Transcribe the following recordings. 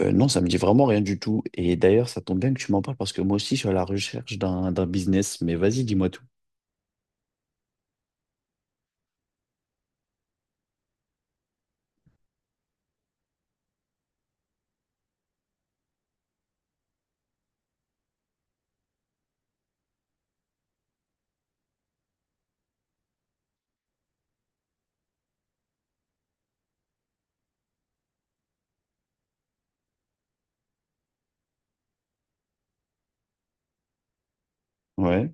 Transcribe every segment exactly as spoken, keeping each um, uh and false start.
Euh, non, ça me dit vraiment rien du tout. Et d'ailleurs, ça tombe bien que tu m'en parles parce que moi aussi, je suis à la recherche d'un d'un business. Mais vas-y, dis-moi tout. Ouais,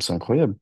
c'est incroyable.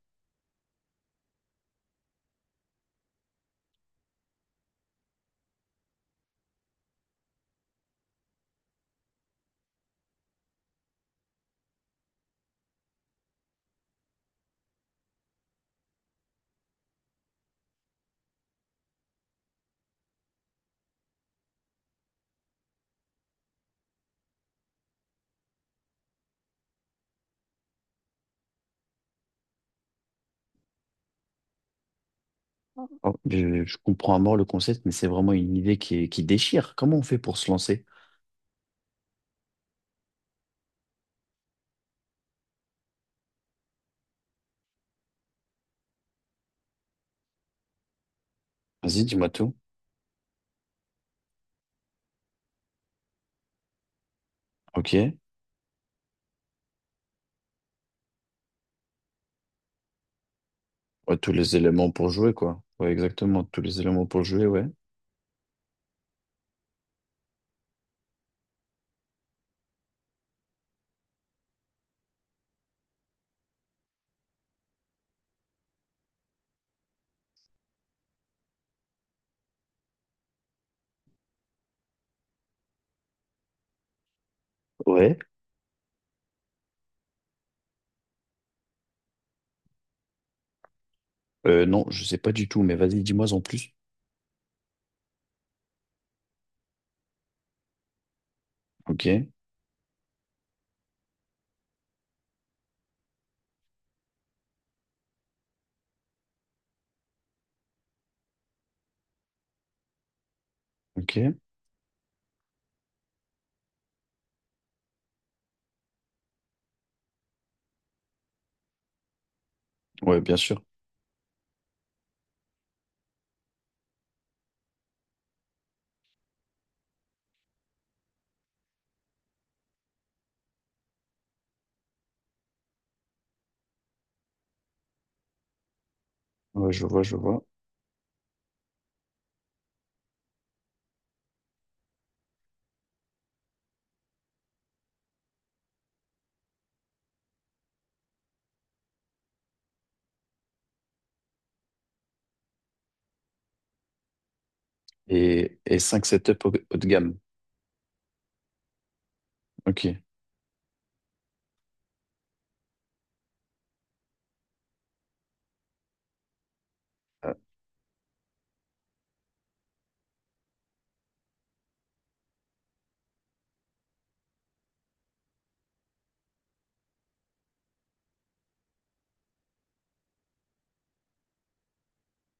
Oh, je, je comprends à mort le concept, mais c'est vraiment une idée qui, est- qui déchire. Comment on fait pour se lancer? Vas-y, dis-moi tout. Ok. Ouais, tous les éléments pour jouer, quoi. Ouais, exactement. Tous les éléments pour jouer, ouais. Ouais. Euh, non, je sais pas du tout, mais vas-y, dis-moi en plus. Ok. Ok. Ouais, bien sûr. Ouais, je vois, je vois. Et, et cinq setups haut haut de gamme. Ok. Euh,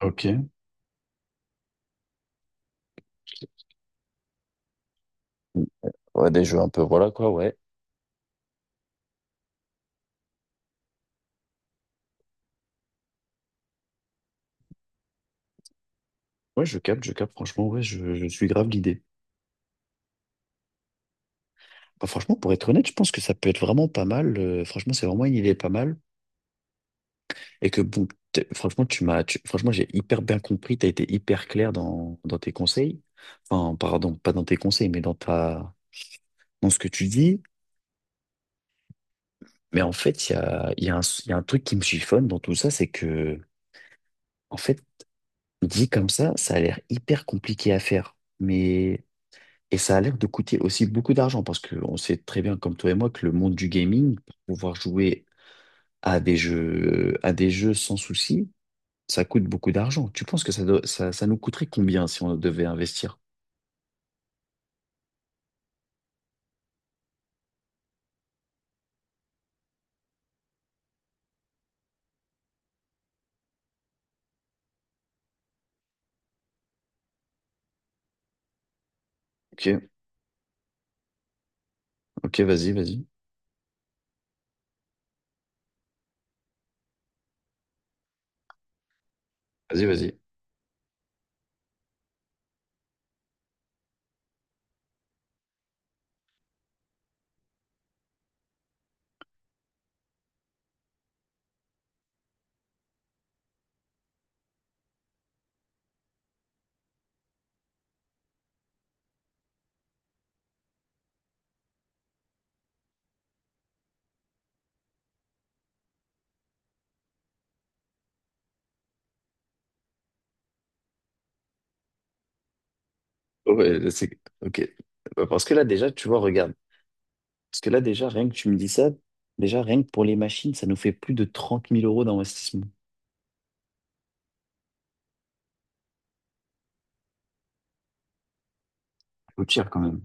Ok. Ouais, des jeux un peu, voilà quoi, ouais. Ouais, je capte, je capte, franchement, ouais, je, je suis grave l'idée. Bah, franchement, pour être honnête, je pense que ça peut être vraiment pas mal. Euh, franchement, c'est vraiment une idée pas mal. Et que, bon, t'es- franchement, tu m'as, tu- franchement, j'ai hyper bien compris, t'as été hyper clair dans, dans tes conseils. Enfin, pardon, pas dans tes conseils, mais dans ta, dans ce que tu dis. Mais en fait, il y a, il y a un, il y a un truc qui me chiffonne dans tout ça, c'est que, en fait, dit comme ça, ça a l'air hyper compliqué à faire. Mais. Et ça a l'air de coûter aussi beaucoup d'argent parce qu'on sait très bien, comme toi et moi, que le monde du gaming, pour pouvoir jouer à des jeux, à des jeux sans souci, ça coûte beaucoup d'argent. Tu penses que ça, doit- ça, ça nous coûterait combien si on devait investir? Ok, ok, vas-y, vas-y, vas-y, vas-y. Oh, ouais, là, c'est- ok. Bah, parce que là, déjà, tu vois, regarde. Parce que là, déjà, rien que tu me dis ça, déjà, rien que pour les machines, ça nous fait plus de trente mille euros d'investissement. Ça coûte cher quand même.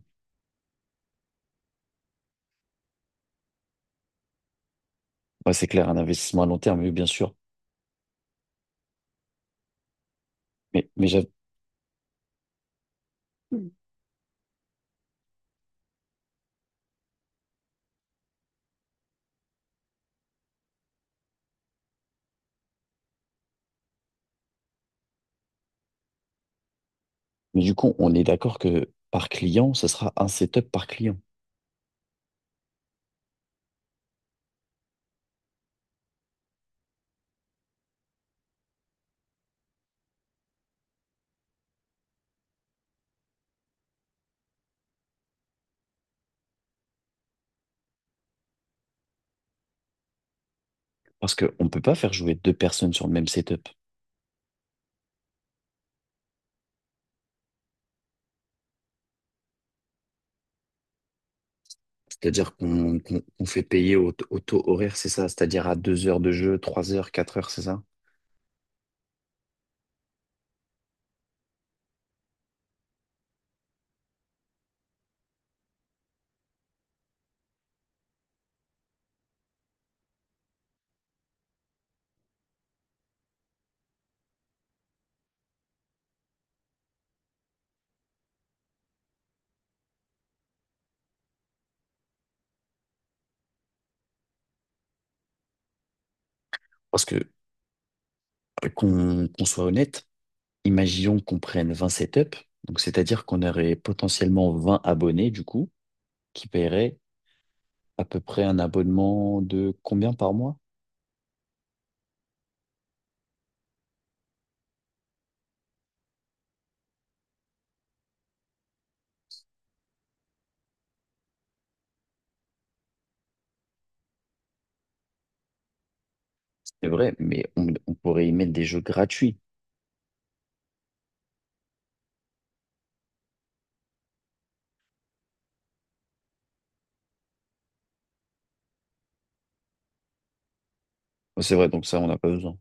Ouais, c'est clair, un investissement à long terme, oui, bien sûr. Mais, mais j'av- Mais du coup, on est d'accord que par client, ce sera un setup par client. Parce qu'on ne peut pas faire jouer deux personnes sur le même setup. C'est-à-dire qu'on qu'on- qu'on fait payer au, au taux horaire, c'est ça? C'est-à-dire à deux heures de jeu, trois heures, quatre heures, c'est ça? Parce que, euh, qu'on qu'on soit honnête, imaginons qu'on prenne vingt setups. Donc, c'est-à-dire qu'on aurait potentiellement vingt abonnés, du coup, qui paieraient à peu près un abonnement de combien par mois? C'est vrai, mais on, on pourrait y mettre des jeux gratuits. C'est vrai, donc ça, on n'a pas besoin.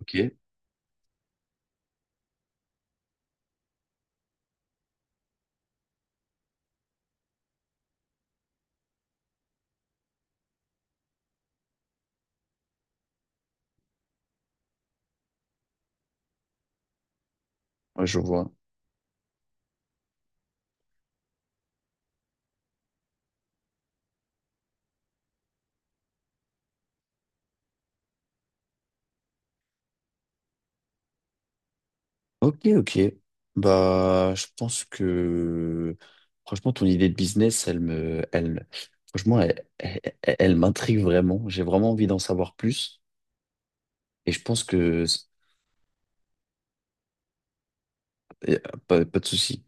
Ok, ouais, je vois. Ok, ok. Bah, je pense que franchement, ton idée de business, elle me, elle, franchement, elle, elle, elle m'intrigue vraiment. J'ai vraiment envie d'en savoir plus. Et je pense que eh, pas, pas de souci.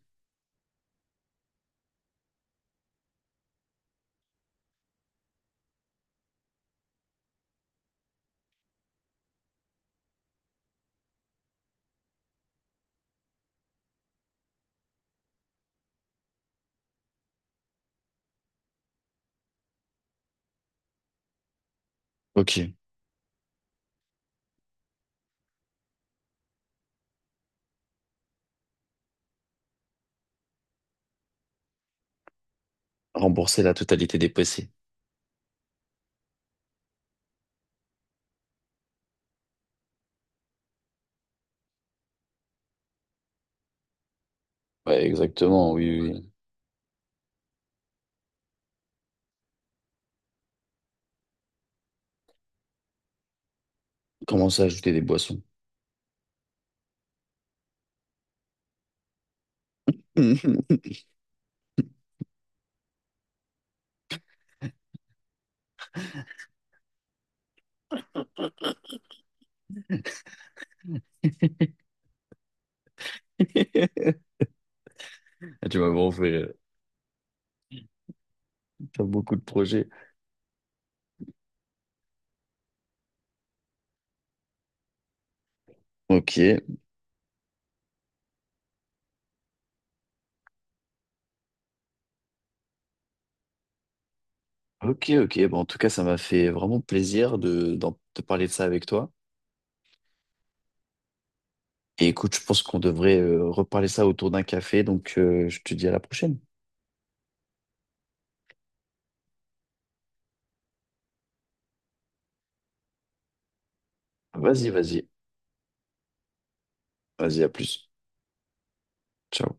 Ok. Rembourser la totalité des P C. Ouais, exactement. Oui, oui, oui. Commencer à ajouter des boissons. Tu m'as vraiment fait rire. T'as beaucoup de projets. Ok, ok, ok. Bon, en tout cas, ça m'a fait vraiment plaisir de, d'en- de parler de ça avec toi. Et écoute, je pense qu'on devrait euh, reparler ça autour d'un café, donc euh, je te dis à la prochaine. Vas-y, vas-y, vas-y, à plus. Ciao.